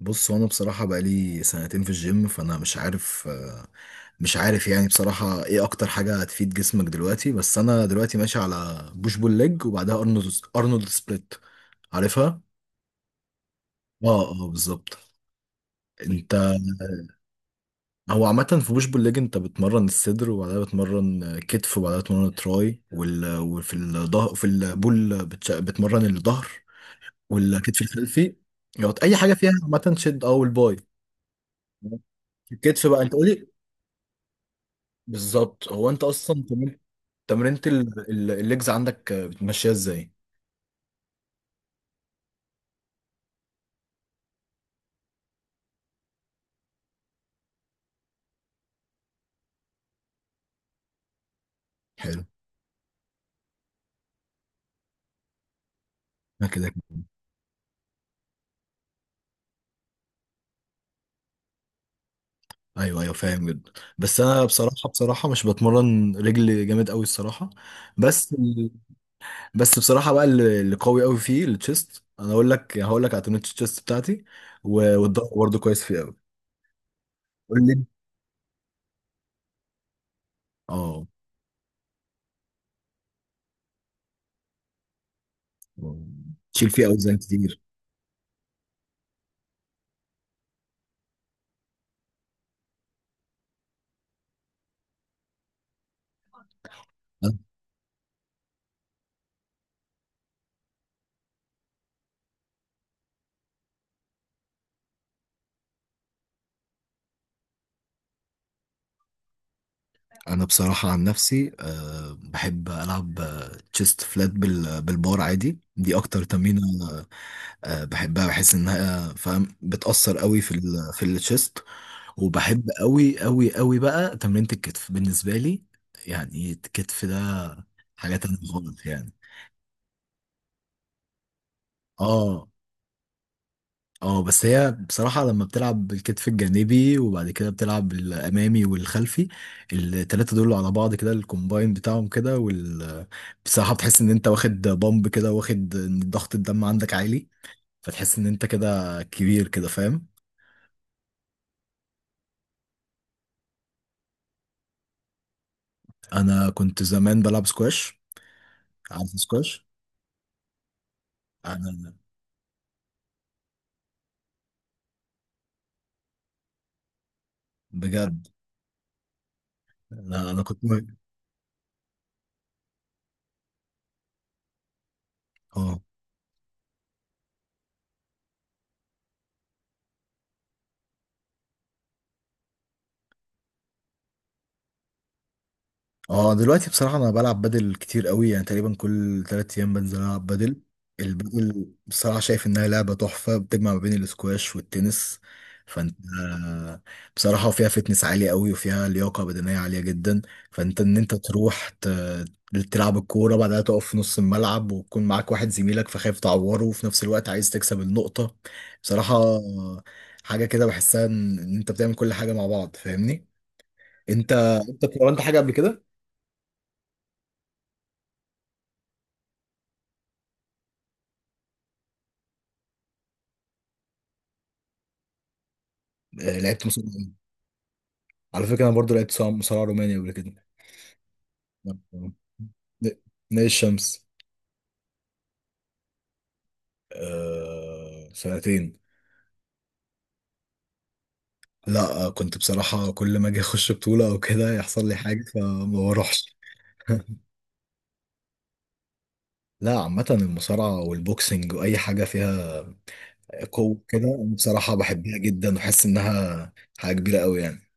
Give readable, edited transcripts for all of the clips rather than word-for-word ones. بص هو انا بصراحه بقالي سنتين في الجيم فانا مش عارف يعني بصراحه ايه اكتر حاجه هتفيد جسمك دلوقتي بس انا دلوقتي ماشي على بوش بول ليج وبعدها ارنولد سبليت عارفها. اه اه، بالظبط. انت هو عامه في بوش بول ليج انت بتمرن الصدر وبعدها بتمرن كتف وبعدها بتمرن تراي وفي الظهر في البول بتمرن الظهر والكتف الخلفي، يقعد اي حاجه فيها عامه شد اه والباي. الكتف بقى انت قولي. بالظبط، هو انت اصلا تمرين تمرينة الليجز عندك بتمشيها ازاي؟ حلو. انا كده كده. ايوه ايوه، فاهم جدا. بس انا بصراحه مش بتمرن رجل جامد قوي الصراحه. بس ال- بس بصراحه بقى اللي قوي قوي فيه التشيست، انا اقول لك هقول لك على تمرينة التشيست بتاعتي والظهر برضه كويس فيه قوي. قول لي. اه، تشيل فيه اوزان كتير. انا بصراحه عن نفسي أه بحب العب تشيست فلات بالبار، عادي دي اكتر تمرينه. أه بحبها، بحس انها فاهم بتاثر قوي في التشيست. وبحب قوي قوي قوي بقى تمرينه الكتف بالنسبه لي، يعني الكتف ده حاجه تانية خالص يعني. اه اه، بس هي بصراحة لما بتلعب بالكتف الجانبي وبعد كده بتلعب الأمامي والخلفي، التلاتة دول على بعض كده الكومباين بتاعهم كده وال، بصراحة بتحس إن أنت واخد بامب كده، واخد إن ضغط الدم عندك عالي، فتحس إن أنت كده كبير كده فاهم. أنا كنت زمان بلعب سكواش. عارف سكواش؟ أنا بجد. أنا كنت اه اه. دلوقتي بصراحة انا بلعب بدل كتير قوي، يعني تقريبا كل تلات ايام بنزل العب بدل. البدل بصراحة شايف انها لعبة تحفة، بتجمع ما بين الاسكواش والتنس، فانت بصراحة فيها فتنس عالية قوي وفيها لياقة بدنية عالية جدا. فانت ان انت تروح تلعب الكورة، بعدها تقف في نص الملعب ويكون معاك واحد زميلك فخايف تعوره وفي نفس الوقت عايز تكسب النقطة. بصراحة حاجة كده بحسها ان إن انت بتعمل كل حاجة مع بعض، فاهمني؟ انت انت اتمرنت حاجة قبل كده؟ لعبت مصارعة؟ على فكرة أنا برضو لعبت مصارعة روماني قبل كده. نعم. ن- نادي الشمس. آه، سنتين. لا، كنت بصراحة كل ما أجي أخش بطولة أو كده يحصل لي حاجة فما بروحش. لا، عامة المصارعة والبوكسنج وأي حاجة فيها قوة كده أنا بصراحة بحبها جدا، وحاسس إنها حاجة كبيرة أوي يعني.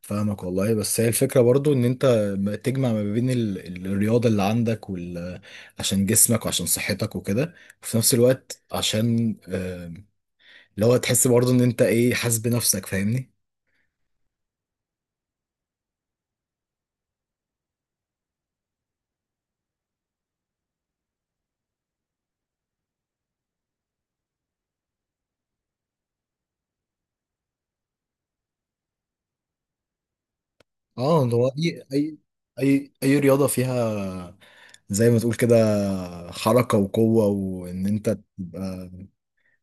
فاهمك والله، بس هي الفكرة برضو ان انت ما تجمع ما بين الرياضة اللي عندك وال، عشان جسمك وعشان صحتك وكده، وفي نفس الوقت عشان اللي هو تحس برضو ان انت ايه، حاسس بنفسك فاهمني. اه، اللي هو اي رياضة فيها، زي ما تقول كده، حركة وقوة، وان انت تبقى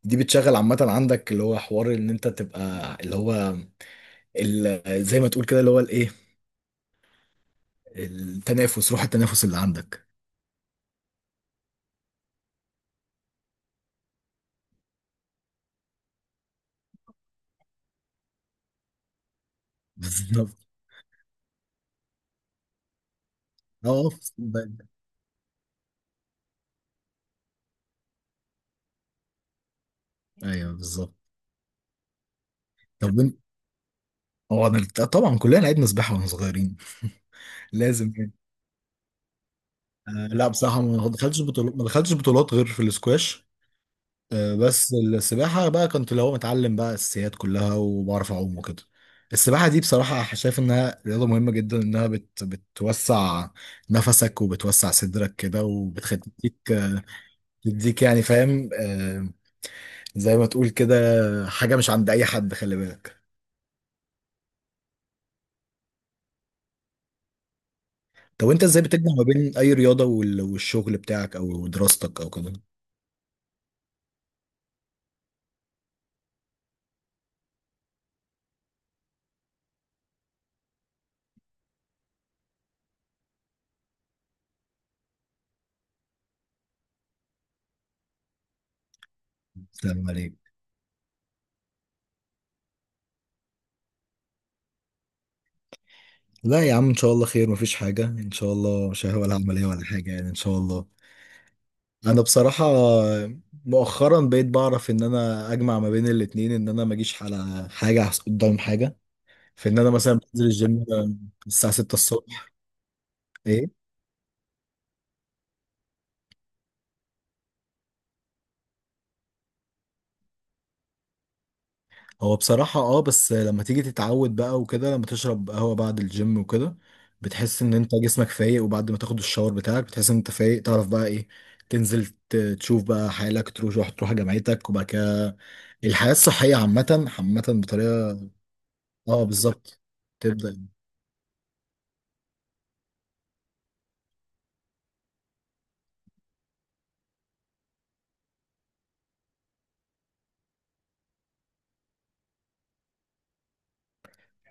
دي بتشغل عامة عندك اللي هو حوار ان انت تبقى اللي هو ال، زي ما تقول كده اللي هو الايه، التنافس، روح التنافس اللي عندك. اه اه، في الصندل. ايوه بالظبط. طب هو انا طبعا كلنا لعبنا سباحه واحنا صغيرين. لازم يعني. آه لا بصراحه ما دخلتش بطولات، ما دخلتش بطولات غير في الاسكواش. آه بس السباحه بقى كنت اللي هو متعلم بقى الاساسيات كلها وبعرف اعوم وكده. السباحه دي بصراحه شايف انها رياضه مهمه جدا، انها بتوسع نفسك وبتوسع صدرك كده، وبتخليك تديك يعني فاهم آه، زي ما تقول كده، حاجه مش عند اي حد، خلي بالك. طب انت ازاي بتجمع ما بين اي رياضه والشغل بتاعك او دراستك او كده؟ بتعمل ايه؟ لا يا عم، ان شاء الله خير، مفيش حاجه ان شاء الله، مش ولا عمليه ولا حاجه يعني ان شاء الله. انا بصراحه مؤخرا بقيت بعرف ان انا اجمع ما بين الاتنين، ان انا ما اجيش على حاجه قدام حاجه، في ان انا مثلا بنزل الجيم الساعه 6 الصبح. ايه، هو بصراحة اه، بس لما تيجي تتعود بقى وكده، لما تشرب قهوة بعد الجيم وكده بتحس ان انت جسمك فايق، وبعد ما تاخد الشاور بتاعك بتحس ان انت فايق، تعرف بقى ايه، تنزل تشوف بقى حالك، تروح تروح جامعتك، وبعد كده الحياة الصحية عامة عامة بطريقة. اه بالظبط، تبدأ.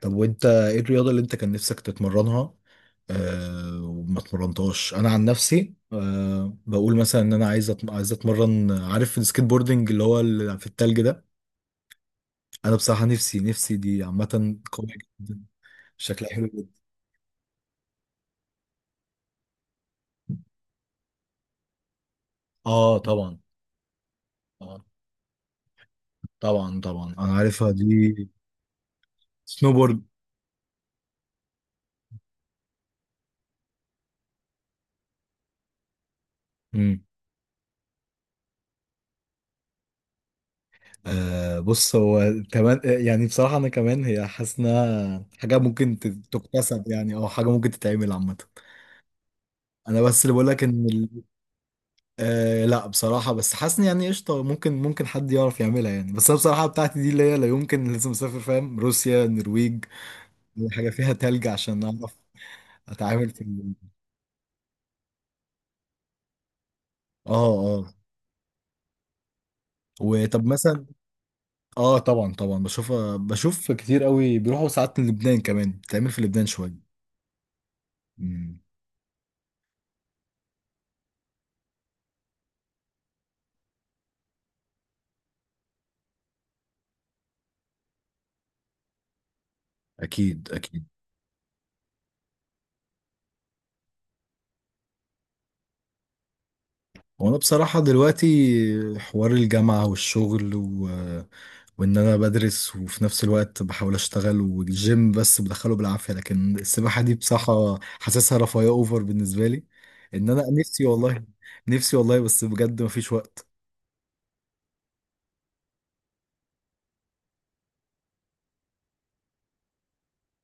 طب وانت ايه الرياضة اللي انت كان نفسك تتمرنها آه وما اتمرنتهاش؟ انا عن نفسي آه بقول مثلا ان انا عايز عايز اتمرن، عارف السكيت بوردنج اللي هو اللي في التلج ده؟ انا بصراحه نفسي دي عامه قويه جدا، شكلها حلو جدا. اه طبعا. آه طبعا طبعا، انا عارفها دي، سنوبورد. امم، آه بص هو، كمان يعني بصراحه انا كمان هي، حاسس انها حاجه ممكن تكتسب يعني، او حاجه ممكن تتعمل عامه. انا بس اللي بقول لك ان ال، آه لا بصراحه بس حاسس إن يعني قشطه ممكن، ممكن حد يعرف يعملها يعني، بس انا بصراحه بتاعتي دي اللي هي لا يمكن لازم اسافر، فاهم؟ روسيا، النرويج، حاجه فيها تلج عشان اعرف اتعامل في ال، اه اه. وطب مثلا، اه طبعا طبعا بشوف بشوف كتير قوي بيروحوا ساعات لبنان، كمان بتعمل في لبنان شويه. امم. اكيد اكيد. وانا بصراحه دلوقتي حوار الجامعه والشغل و، وان انا بدرس وفي نفس الوقت بحاول اشتغل والجيم بس بدخله بالعافيه، لكن السباحه دي بصراحه حاسسها رفاهيه اوفر بالنسبه لي. ان انا نفسي والله، نفسي والله بس بجد مفيش وقت.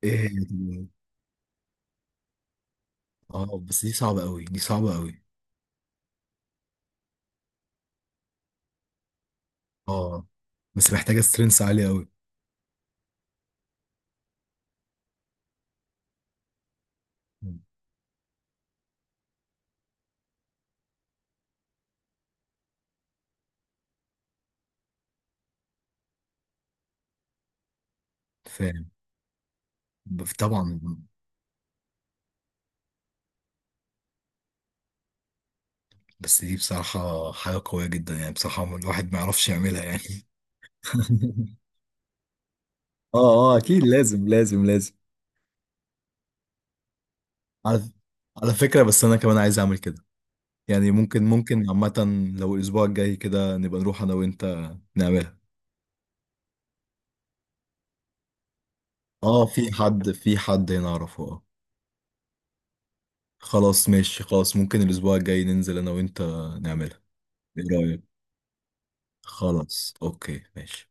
ايه، اه بس دي صعبه قوي، دي صعبه قوي. اه بس محتاجة سترينث عالية قوي. فاهم. طبعا. بس دي بصراحة حاجة قوية جدا، يعني بصراحة الواحد ما يعرفش يعملها يعني. اه اه، اكيد لازم لازم لازم. على، على فكرة بس أنا كمان عايز أعمل كده، يعني ممكن، ممكن عامة لو الأسبوع الجاي كده نبقى نروح أنا وأنت نعملها. اه، في حد هنا أعرفه اه. خلاص ماشي، خلاص ممكن الأسبوع الجاي ننزل أنا وأنت نعملها. إيه رأيك؟ خلاص أوكي، ماشي.